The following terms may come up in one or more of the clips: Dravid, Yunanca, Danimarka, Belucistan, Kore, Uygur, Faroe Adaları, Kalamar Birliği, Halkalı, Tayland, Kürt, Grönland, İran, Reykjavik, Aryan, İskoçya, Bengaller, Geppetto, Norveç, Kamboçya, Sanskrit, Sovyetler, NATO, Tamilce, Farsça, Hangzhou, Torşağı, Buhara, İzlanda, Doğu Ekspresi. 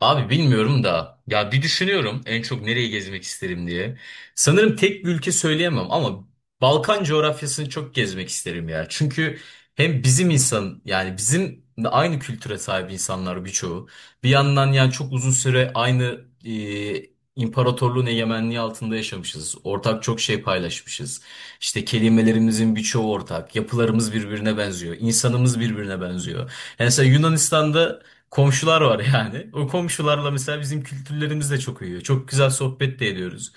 Abi bilmiyorum da ya bir düşünüyorum en çok nereyi gezmek isterim diye. Sanırım tek bir ülke söyleyemem ama Balkan coğrafyasını çok gezmek isterim ya. Çünkü hem bizim insan yani bizim de aynı kültüre sahip insanlar birçoğu. Bir yandan yani çok uzun süre aynı imparatorluğun egemenliği altında yaşamışız. Ortak çok şey paylaşmışız. İşte kelimelerimizin birçoğu ortak. Yapılarımız birbirine benziyor. İnsanımız birbirine benziyor. Yani mesela Yunanistan'da komşular var yani. O komşularla mesela bizim kültürlerimiz de çok uyuyor. Çok güzel sohbet de ediyoruz.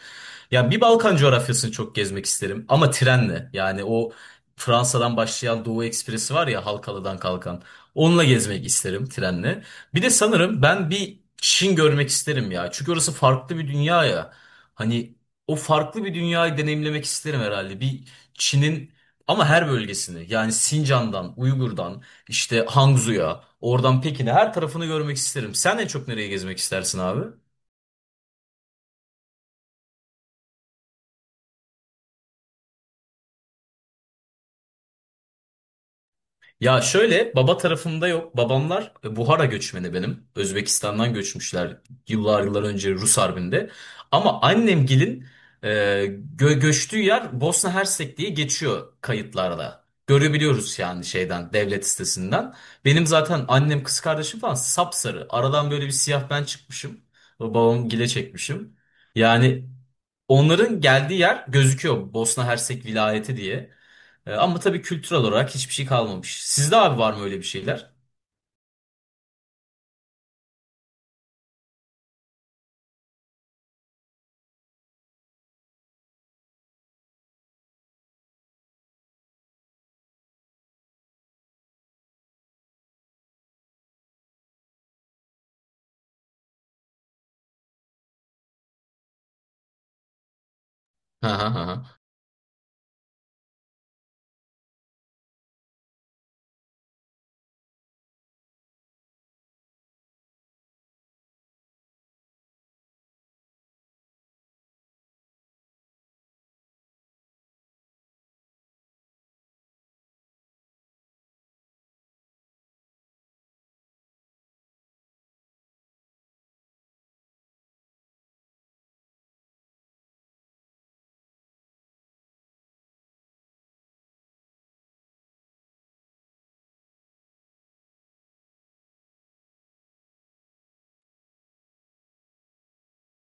Ya bir Balkan coğrafyasını çok gezmek isterim ama trenle. Yani o Fransa'dan başlayan Doğu Ekspresi var ya Halkalı'dan kalkan. Onunla gezmek isterim trenle. Bir de sanırım ben bir Çin görmek isterim ya. Çünkü orası farklı bir dünya ya. Hani o farklı bir dünyayı deneyimlemek isterim herhalde. Bir Çin'in ama her bölgesini yani Sincan'dan, Uygur'dan işte Hangzhou'ya, oradan Pekin'e her tarafını görmek isterim. Sen en çok nereye gezmek istersin abi? Ya şöyle baba tarafımda yok. Babamlar Buhara göçmeni benim. Özbekistan'dan göçmüşler yıllar yıllar önce Rus Harbi'nde. Ama annemgilin e, göçtüğü yer Bosna Hersek diye geçiyor kayıtlarda. Görebiliyoruz yani şeyden devlet sitesinden. Benim zaten annem kız kardeşim falan sapsarı. Aradan böyle bir siyah ben çıkmışım. Babam gile çekmişim. Yani onların geldiği yer gözüküyor. Bosna Hersek vilayeti diye. Ama tabii kültürel olarak hiçbir şey kalmamış. Sizde abi var mı öyle bir şeyler? Hı hı hı. Hı.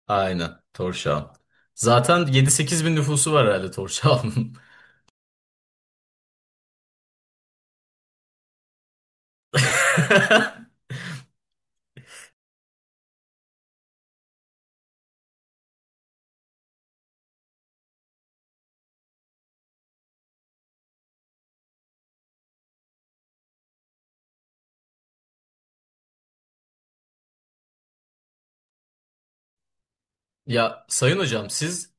Aynen. Torşağın. Zaten 7-8 bin nüfusu var herhalde Torşağı'nın. Ya Sayın Hocam siz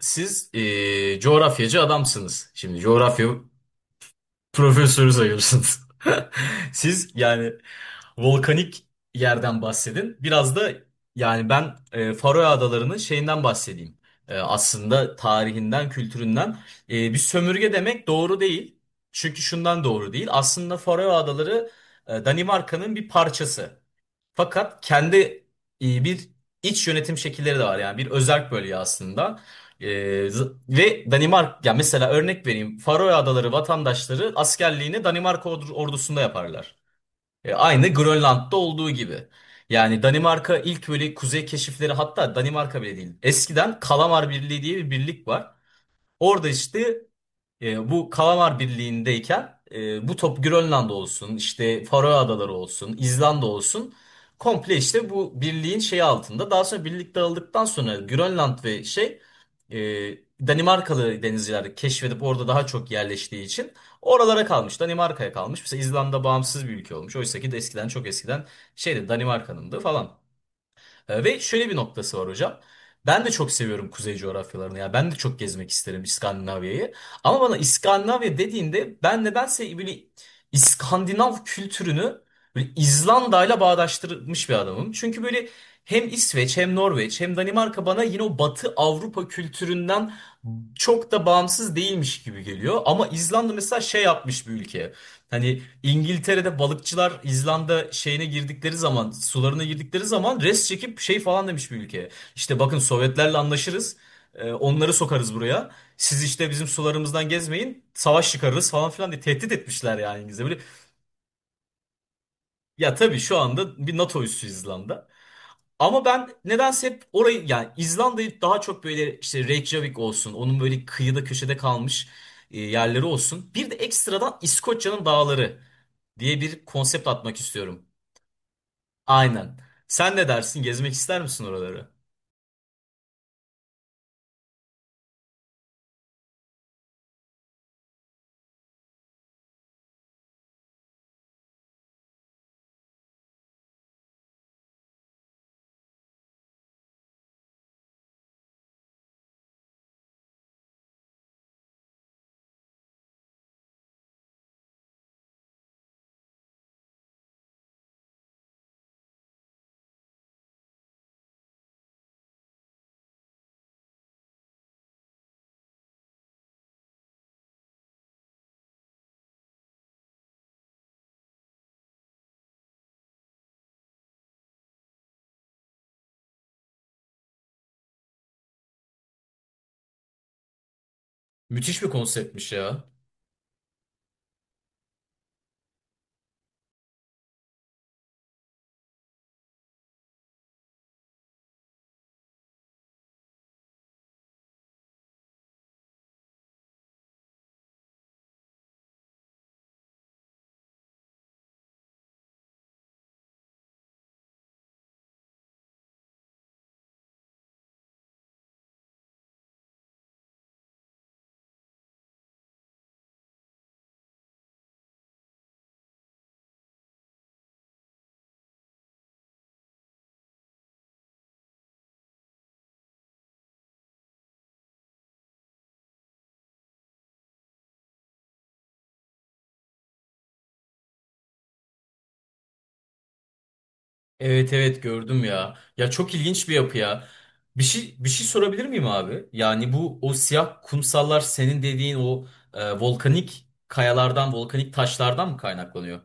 coğrafyacı adamsınız. Şimdi coğrafya Profesörü sayıyorsunuz. Siz yani volkanik yerden bahsedin. Biraz da yani ben Faroe Adaları'nın şeyinden bahsedeyim. Aslında tarihinden, kültüründen. Bir sömürge demek doğru değil. Çünkü şundan doğru değil. Aslında Faroe Adaları Danimarka'nın bir parçası. Fakat kendi bir iç yönetim şekilleri de var yani bir özerk bölge aslında. E, Ve Danimarka ya mesela örnek vereyim Faroe Adaları vatandaşları askerliğini Danimarka ordusunda yaparlar. Aynı Grönland'da olduğu gibi. Yani Danimarka ilk böyle kuzey keşifleri hatta Danimarka bile değil. Eskiden Kalamar Birliği diye bir birlik var. Orada işte bu Kalamar Birliği'ndeyken bu top Grönland olsun, işte Faroe Adaları olsun, İzlanda olsun komple işte bu birliğin şeyi altında. Daha sonra birlik dağıldıktan sonra Grönland ve şey e, Danimarkalı denizciler keşfedip orada daha çok yerleştiği için oralara kalmış. Danimarka'ya kalmış. Mesela İzlanda bağımsız bir ülke olmuş. Oysa ki de eskiden çok eskiden şeydi, Danimarka'nındı falan. Ve şöyle bir noktası var hocam. Ben de çok seviyorum kuzey coğrafyalarını. Ya ben de çok gezmek isterim İskandinavya'yı. Ama bana İskandinavya dediğinde ben nedense böyle İskandinav kültürünü böyle İzlanda'yla bağdaştırmış bir adamım. Çünkü böyle hem İsveç hem Norveç hem Danimarka bana yine o Batı Avrupa kültüründen çok da bağımsız değilmiş gibi geliyor. Ama İzlanda mesela şey yapmış bir ülke. Hani İngiltere'de balıkçılar İzlanda şeyine girdikleri zaman, sularına girdikleri zaman res çekip şey falan demiş bir ülke. İşte bakın Sovyetlerle anlaşırız. Onları sokarız buraya. Siz işte bizim sularımızdan gezmeyin. Savaş çıkarırız falan filan diye tehdit etmişler yani İngilizce. Böyle, ya tabii şu anda bir NATO üssü İzlanda. Ama ben nedense hep orayı yani İzlanda'yı daha çok böyle işte Reykjavik olsun. Onun böyle kıyıda köşede kalmış yerleri olsun. Bir de ekstradan İskoçya'nın dağları diye bir konsept atmak istiyorum. Aynen. Sen ne dersin? Gezmek ister misin oraları? Müthiş bir konseptmiş ya. Evet evet gördüm ya. Ya çok ilginç bir yapı ya. Bir şey bir şey sorabilir miyim abi? Yani bu o siyah kumsallar senin dediğin o volkanik kayalardan, volkanik taşlardan mı kaynaklanıyor?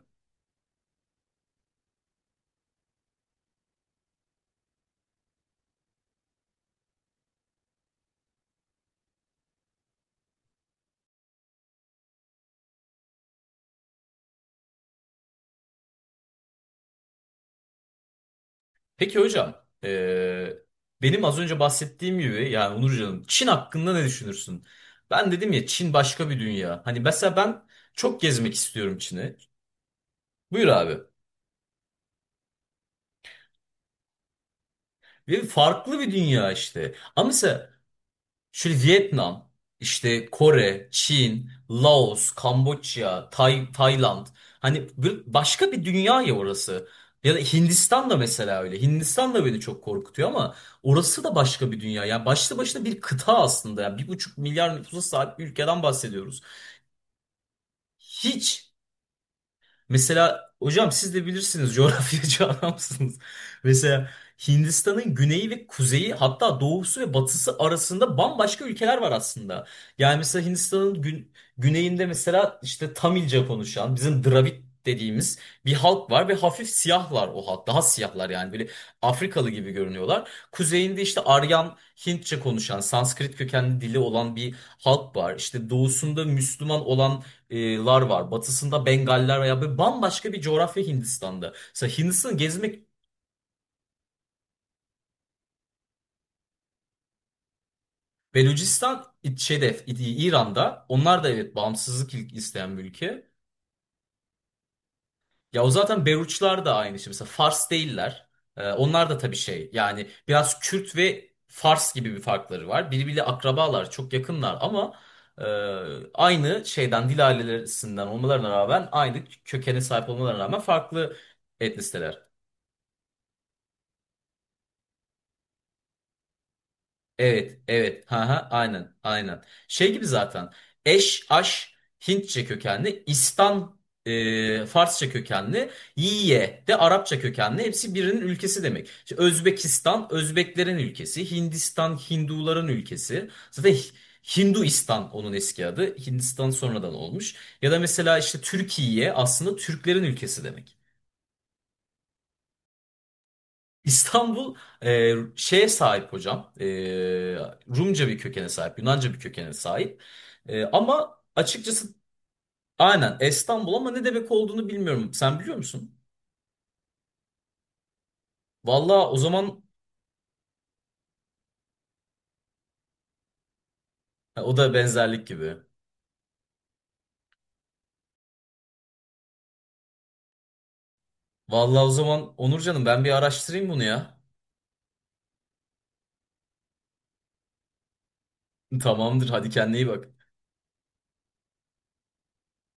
Peki hocam, e, benim az önce bahsettiğim gibi yani Onurcan'ım Çin hakkında ne düşünürsün? Ben dedim ya Çin başka bir dünya. Hani mesela ben çok gezmek istiyorum Çin'i. Buyur abi. Ve farklı bir dünya işte. Ama mesela şöyle Vietnam, işte Kore, Çin, Laos, Kamboçya, Tayland. Hani başka bir dünya ya orası. Ya da Hindistan da mesela öyle. Hindistan da beni çok korkutuyor ama orası da başka bir dünya. Yani başlı başına bir kıta aslında. Yani 1,5 milyar nüfusa sahip bir ülkeden bahsediyoruz. Hiç Mesela hocam siz de bilirsiniz coğrafyacı adamsınız. Mesela Hindistan'ın güneyi ve kuzeyi hatta doğusu ve batısı arasında bambaşka ülkeler var aslında. Yani mesela Hindistan'ın güneyinde mesela işte Tamilce konuşan bizim Dravid dediğimiz bir halk var ve hafif siyahlar o halk. Daha siyahlar yani böyle Afrikalı gibi görünüyorlar. Kuzeyinde işte Aryan Hintçe konuşan, Sanskrit kökenli dili olan bir halk var. İşte doğusunda Müslüman olan lar var. Batısında Bengaller veya böyle bambaşka bir coğrafya Hindistan'da. Mesela Hindistan'ı gezmek Belucistan şeyde İran'da. Onlar da evet bağımsızlık isteyen bir ülke. Ya o zaten Beruçlar da aynı şey. Mesela Fars değiller. Onlar da tabii şey yani biraz Kürt ve Fars gibi bir farkları var. Birbiriyle akrabalar çok yakınlar ama e, aynı şeyden dil ailelerinden olmalarına rağmen aynı kökene sahip olmalarına rağmen farklı etnisiteler. Evet, evet. Ha ha, aynen, aynen. Şey gibi zaten. Eş, aş, Hintçe kökenli, İstan Farsça kökenli, Yiye de Arapça kökenli. Hepsi birinin ülkesi demek. İşte Özbekistan, Özbeklerin ülkesi. Hindistan, Hinduların ülkesi. Zaten Hinduistan onun eski adı. Hindistan sonradan olmuş. Ya da mesela işte Türkiye aslında Türklerin ülkesi demek. İstanbul şeye sahip hocam. Rumca bir kökene sahip, Yunanca bir kökene sahip. Ama açıkçası aynen İstanbul ama ne demek olduğunu bilmiyorum. Sen biliyor musun? Vallahi o zaman o da benzerlik gibi. Vallahi o zaman Onurcan'ım ben bir araştırayım bunu ya. Tamamdır hadi kendine iyi bak.